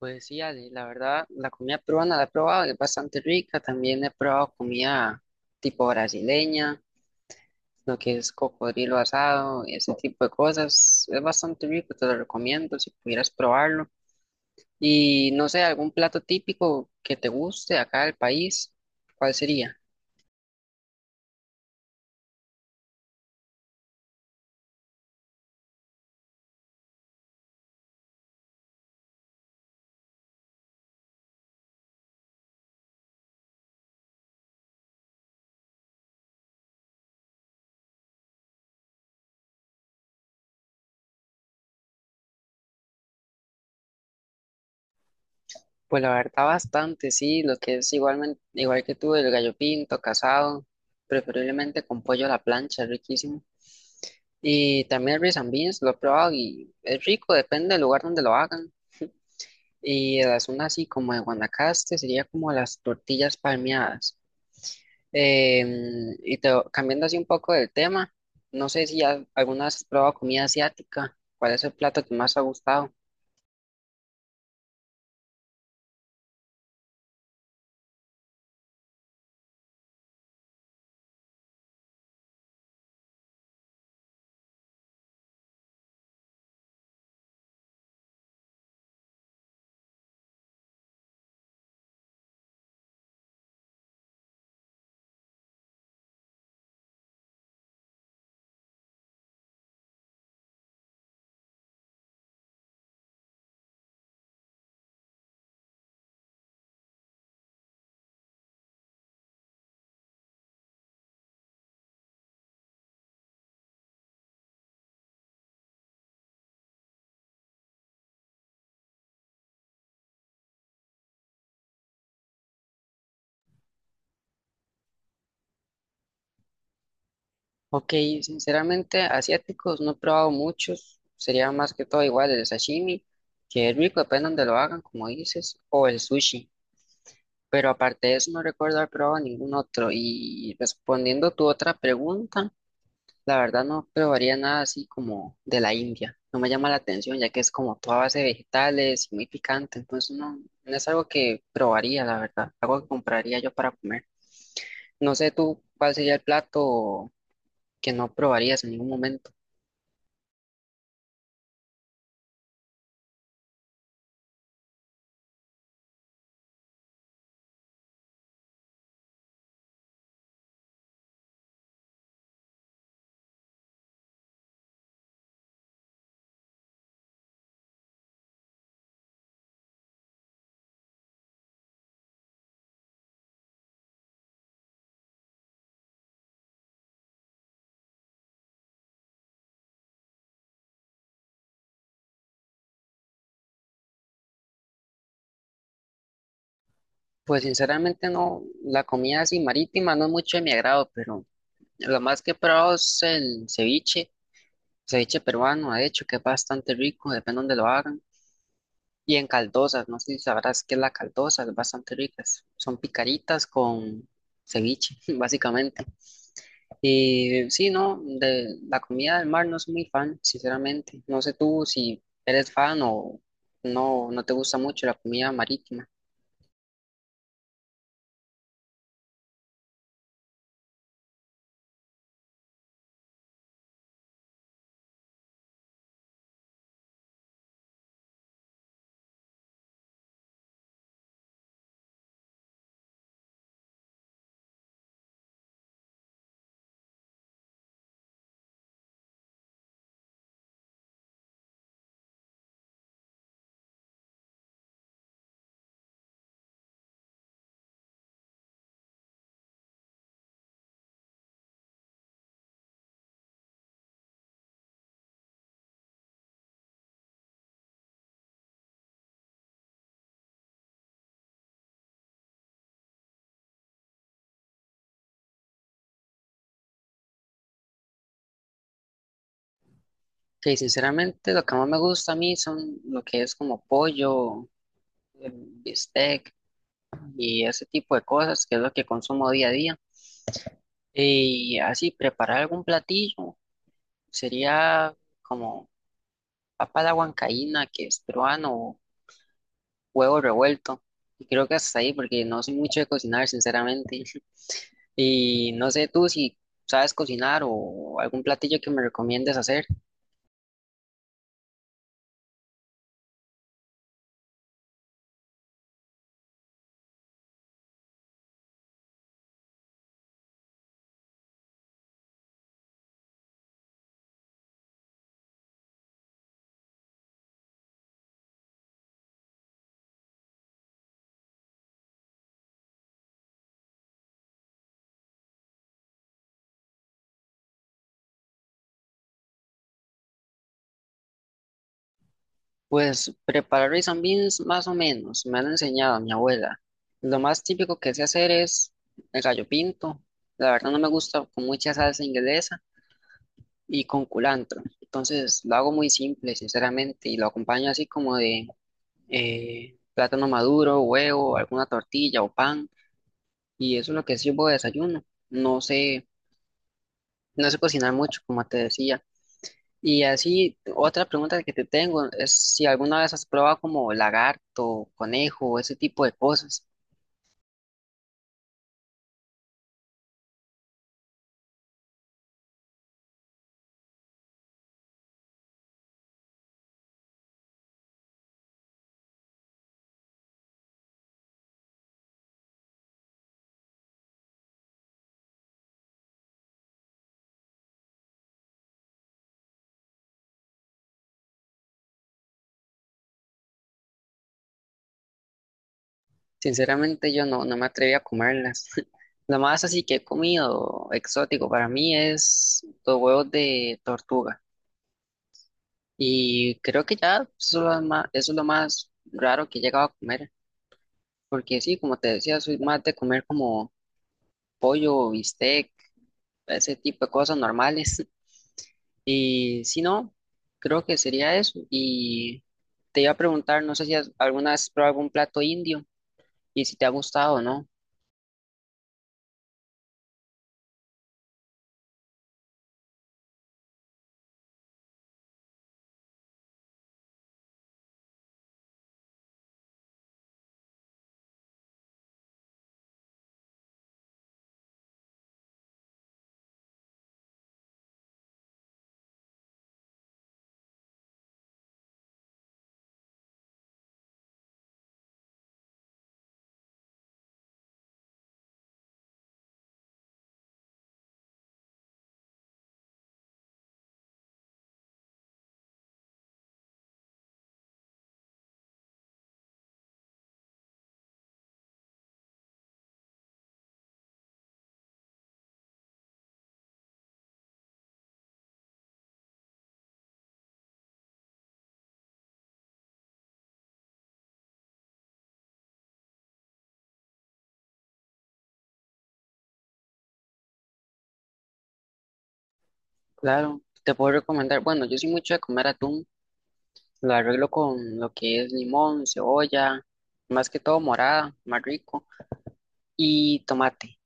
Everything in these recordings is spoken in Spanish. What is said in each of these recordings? Pues sí, Ale, la verdad, la comida peruana la he probado, es bastante rica. También he probado comida tipo brasileña, lo que es cocodrilo asado, ese tipo de cosas. Es bastante rico, te lo recomiendo si pudieras probarlo. Y no sé, algún plato típico que te guste acá del país, ¿cuál sería? Pues la verdad bastante, sí, lo que es igualmente, igual que tú, el gallo pinto, casado, preferiblemente con pollo a la plancha, es riquísimo. Y también el rice and beans, lo he probado y es rico, depende del lugar donde lo hagan. Y de la zona así como de Guanacaste sería como las tortillas palmeadas. Cambiando así un poco del tema, no sé si ya alguna vez has probado comida asiática, ¿cuál es el plato que más te ha gustado? Ok, sinceramente, asiáticos no he probado muchos, sería más que todo igual el sashimi, que es rico, depende donde lo hagan, como dices, o el sushi, pero aparte de eso no recuerdo haber probado ningún otro. Y respondiendo tu otra pregunta, la verdad no probaría nada así como de la India, no me llama la atención, ya que es como toda base de vegetales y muy picante, entonces no, no es algo que probaría, la verdad, algo que compraría yo para comer. No sé tú cuál sería el plato que no probarías en ningún momento. Pues sinceramente no, la comida así marítima no es mucho de mi agrado, pero lo más que he probado es el ceviche, ceviche peruano, de hecho, que es bastante rico, depende donde lo hagan. Y en caldosas, no sé si sabrás qué es la caldosa, es bastante ricas. Son picaritas con ceviche, básicamente. Y sí, no, de la comida del mar no soy muy fan, sinceramente. No sé tú si eres fan o no, no te gusta mucho la comida marítima. Que sinceramente lo que más me gusta a mí son lo que es como pollo, bistec y ese tipo de cosas, que es lo que consumo día a día. Y así, preparar algún platillo sería como papa a la huancaína, que es peruano, o huevo revuelto. Y creo que hasta ahí, porque no soy mucho de cocinar, sinceramente. Y no sé tú si sabes cocinar o algún platillo que me recomiendes hacer. Pues preparar rice and beans más o menos, me han enseñado mi abuela. Lo más típico que sé hacer es el gallo pinto. La verdad no me gusta con mucha salsa inglesa y con culantro. Entonces lo hago muy simple, sinceramente, y lo acompaño así como de plátano maduro, huevo, alguna tortilla o pan. Y eso es lo que sirvo de desayuno. No sé, no sé cocinar mucho, como te decía. Y así, otra pregunta que te tengo es si alguna vez has probado como lagarto, conejo, ese tipo de cosas. Sinceramente yo no, no me atreví a comerlas. Lo más así que he comido exótico para mí es los huevos de tortuga. Y creo que ya eso es lo más, eso es lo más raro que he llegado a comer. Porque sí, como te decía, soy más de comer como pollo, bistec ese tipo de cosas normales. Y si no, creo que sería eso. Y te iba a preguntar, no sé si alguna vez has probado algún plato indio y si te ha gustado o no. Claro, te puedo recomendar. Bueno, yo soy mucho de comer atún. Lo arreglo con lo que es limón, cebolla, más que todo morada, más rico, y tomate.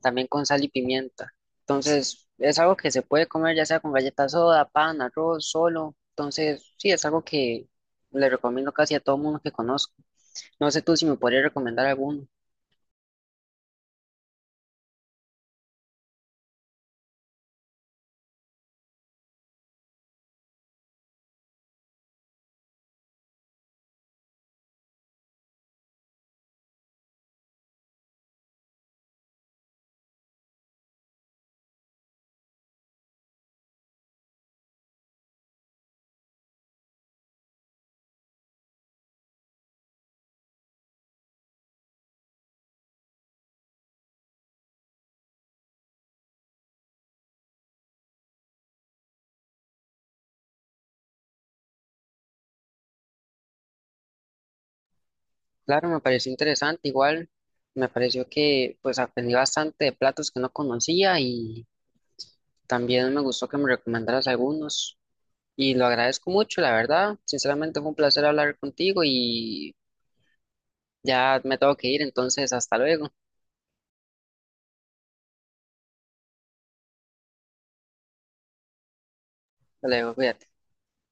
También con sal y pimienta. Entonces, es algo que se puede comer ya sea con galletas soda, pan, arroz, solo. Entonces, sí, es algo que le recomiendo casi a todo mundo que conozco. No sé tú si me podrías recomendar alguno. Claro, me pareció interesante. Igual me pareció que pues aprendí bastante de platos que no conocía y también me gustó que me recomendaras algunos. Y lo agradezco mucho, la verdad. Sinceramente fue un placer hablar contigo y ya me tengo que ir, entonces hasta luego. Hasta luego, cuídate.